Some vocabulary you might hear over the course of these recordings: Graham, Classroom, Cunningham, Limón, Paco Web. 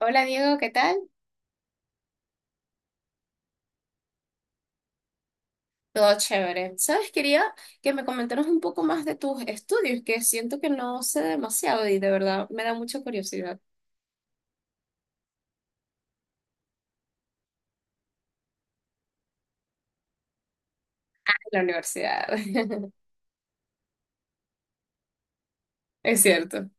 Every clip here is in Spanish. Hola Diego, ¿qué tal? Todo chévere. ¿Sabes? Quería que me comentaras un poco más de tus estudios, que siento que no sé demasiado y de verdad me da mucha curiosidad la universidad. Es cierto.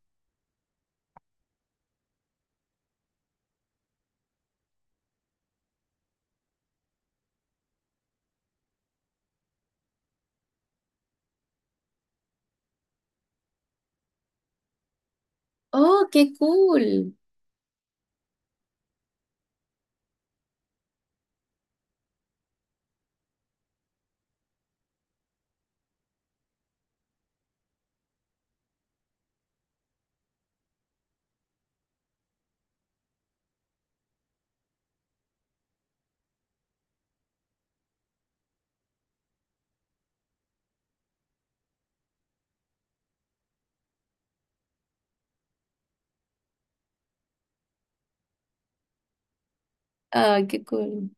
Oh, qué cool. Ah, qué cool.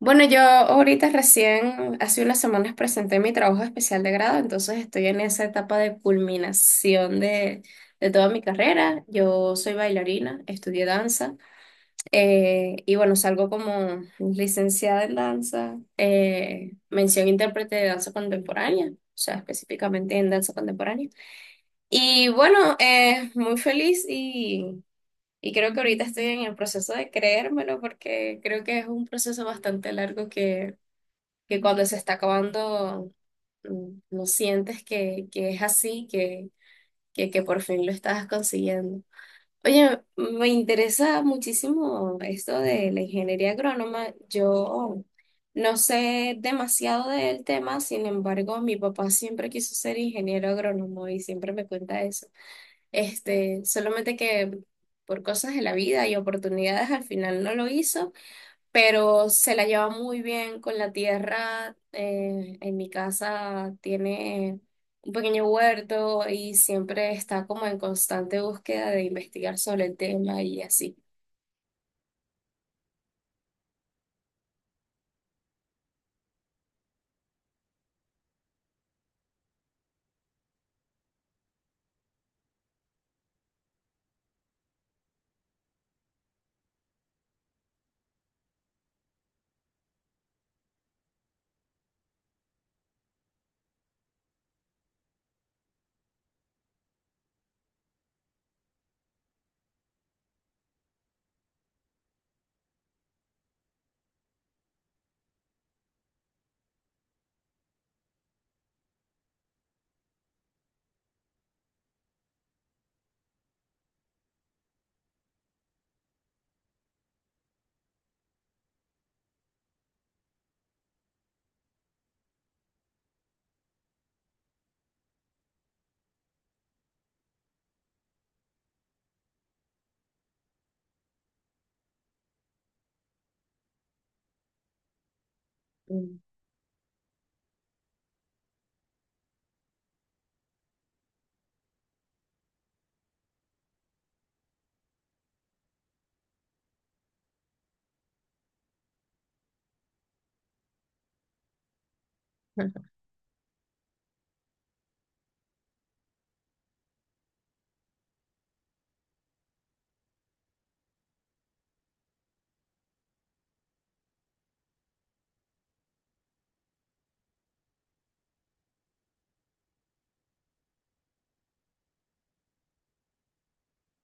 Bueno, yo ahorita recién, hace unas semanas presenté mi trabajo especial de grado, entonces estoy en esa etapa de culminación de toda mi carrera. Yo soy bailarina, estudié danza. Y bueno, salgo como licenciada en danza, mención intérprete de danza contemporánea, o sea, específicamente en danza contemporánea. Y bueno, muy feliz y creo que ahorita estoy en el proceso de creérmelo porque creo que es un proceso bastante largo que cuando se está acabando no sientes que es así, que, que por fin lo estás consiguiendo. Oye, me interesa muchísimo esto de la ingeniería agrónoma. Yo no sé demasiado del tema, sin embargo, mi papá siempre quiso ser ingeniero agrónomo y siempre me cuenta eso. Este, solamente que por cosas de la vida y oportunidades al final no lo hizo, pero se la lleva muy bien con la tierra. En mi casa tiene un pequeño huerto y siempre está como en constante búsqueda de investigar sobre el tema y así.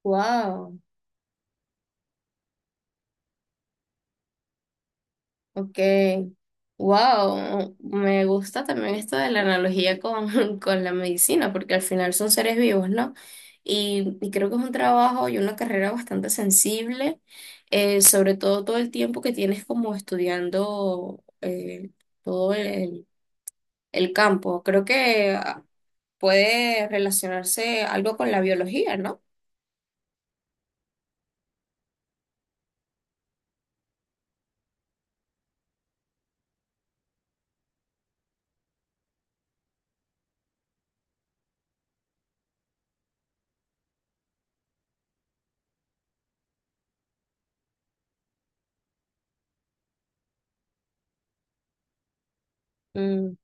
Wow. Ok, wow, me gusta también esto de la analogía con, con la medicina, porque al final son seres vivos, ¿no? Y creo que es un trabajo y una carrera bastante sensible, sobre todo todo el tiempo que tienes como estudiando todo el campo. Creo que puede relacionarse algo con la biología, ¿no? Mm,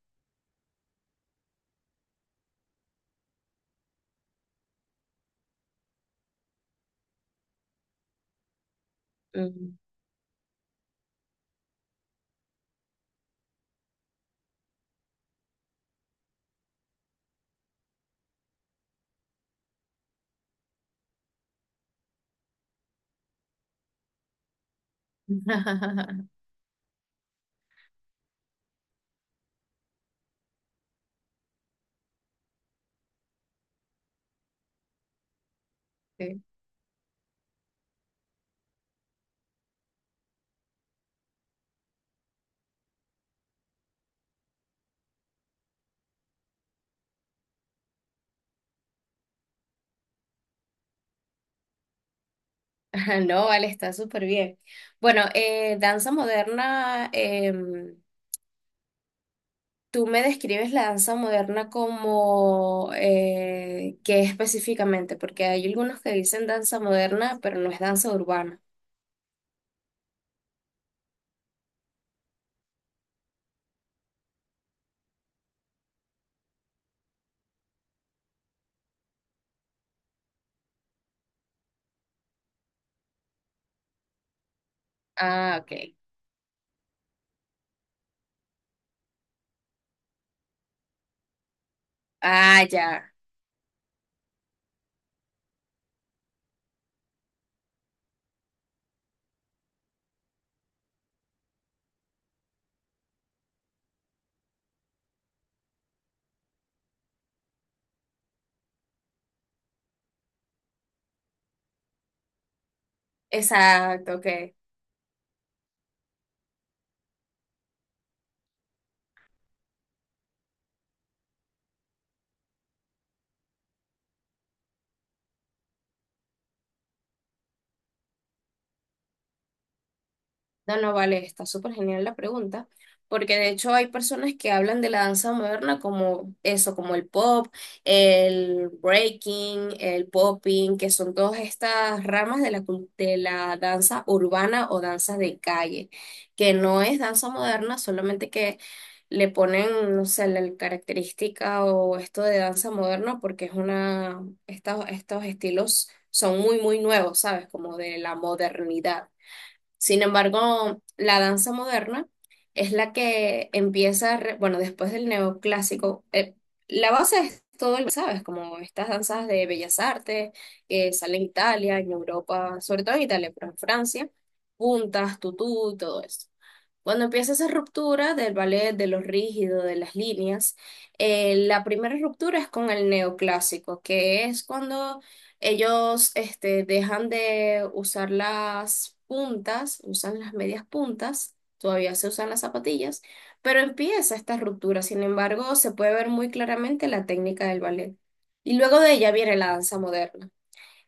mm. Ajá. No, vale, está súper bien. Bueno, danza moderna, em, tú me describes la danza moderna como ¿qué específicamente? Porque hay algunos que dicen danza moderna, pero no es danza urbana. Ah, ok. Ah, ya. Exacto, ok. No, no, vale, está súper genial la pregunta, porque de hecho hay personas que hablan de la danza moderna como eso, como el pop, el breaking, el popping, que son todas estas ramas de la, cul- de la danza urbana o danza de calle, que no es danza moderna, solamente que le ponen, no sé, la característica o esto de danza moderna, porque es una, estos, estos estilos son muy, muy nuevos, ¿sabes? Como de la modernidad. Sin embargo, la danza moderna es la que empieza, re- bueno, después del neoclásico, la base es todo, el- ¿sabes? Como estas danzas de bellas artes que salen en Italia, en Europa, sobre todo en Italia, pero en Francia, puntas, tutú y todo eso. Cuando empieza esa ruptura del ballet, de lo rígido, de las líneas, la primera ruptura es con el neoclásico, que es cuando ellos este, dejan de usar las puntas, usan las medias puntas, todavía se usan las zapatillas, pero empieza esta ruptura. Sin embargo, se puede ver muy claramente la técnica del ballet. Y luego de ella viene la danza moderna.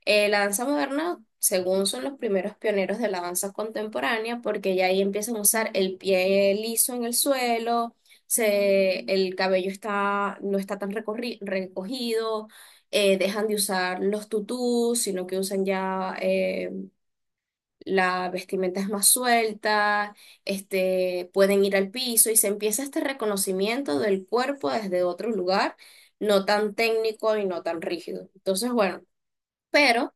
La danza moderna, según son los primeros pioneros de la danza contemporánea, porque ya ahí empiezan a usar el pie liso en el suelo, se, el cabello está, no está tan recorri- recogido, dejan de usar los tutús, sino que usan ya la vestimenta es más suelta, este, pueden ir al piso y se empieza este reconocimiento del cuerpo desde otro lugar, no tan técnico y no tan rígido. Entonces, bueno. Pero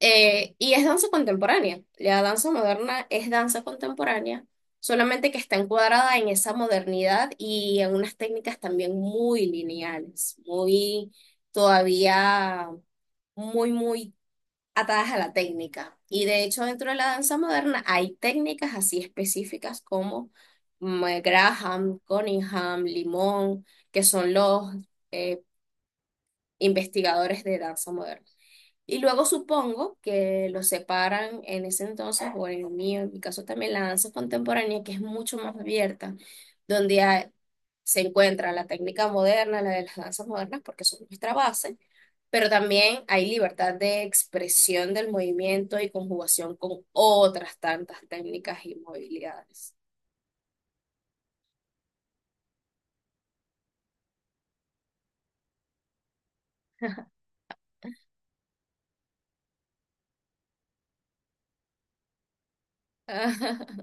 y es danza contemporánea. La danza moderna es danza contemporánea, solamente que está encuadrada en esa modernidad y en unas técnicas también muy lineales, muy todavía muy, muy atadas a la técnica. Y de hecho, dentro de la danza moderna hay técnicas así específicas como Graham, Cunningham, Limón, que son los eh, investigadores de danza moderna. Y luego supongo que los separan en ese entonces, o en el mío, en mi caso también, la danza contemporánea, que es mucho más abierta, donde hay- se encuentra la técnica moderna, la de las danzas modernas, porque son nuestra base, pero también hay libertad de expresión del movimiento y conjugación con otras tantas técnicas y movilidades.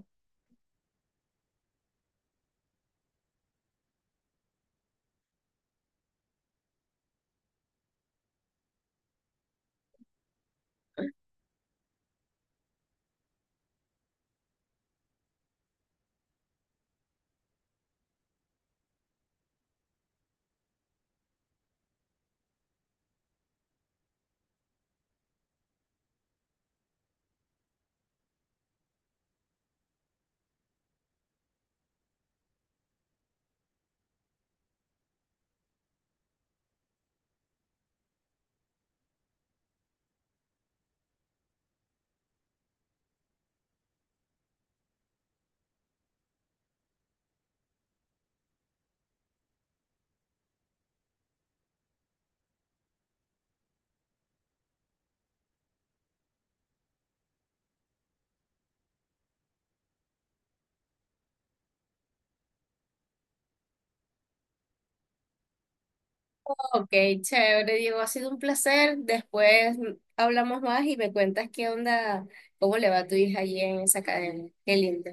Ok, chévere, Diego, ha sido un placer. Después hablamos más y me cuentas qué onda, cómo le va a tu hija allí en esa academia. Qué lindo.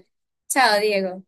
Chao, Diego.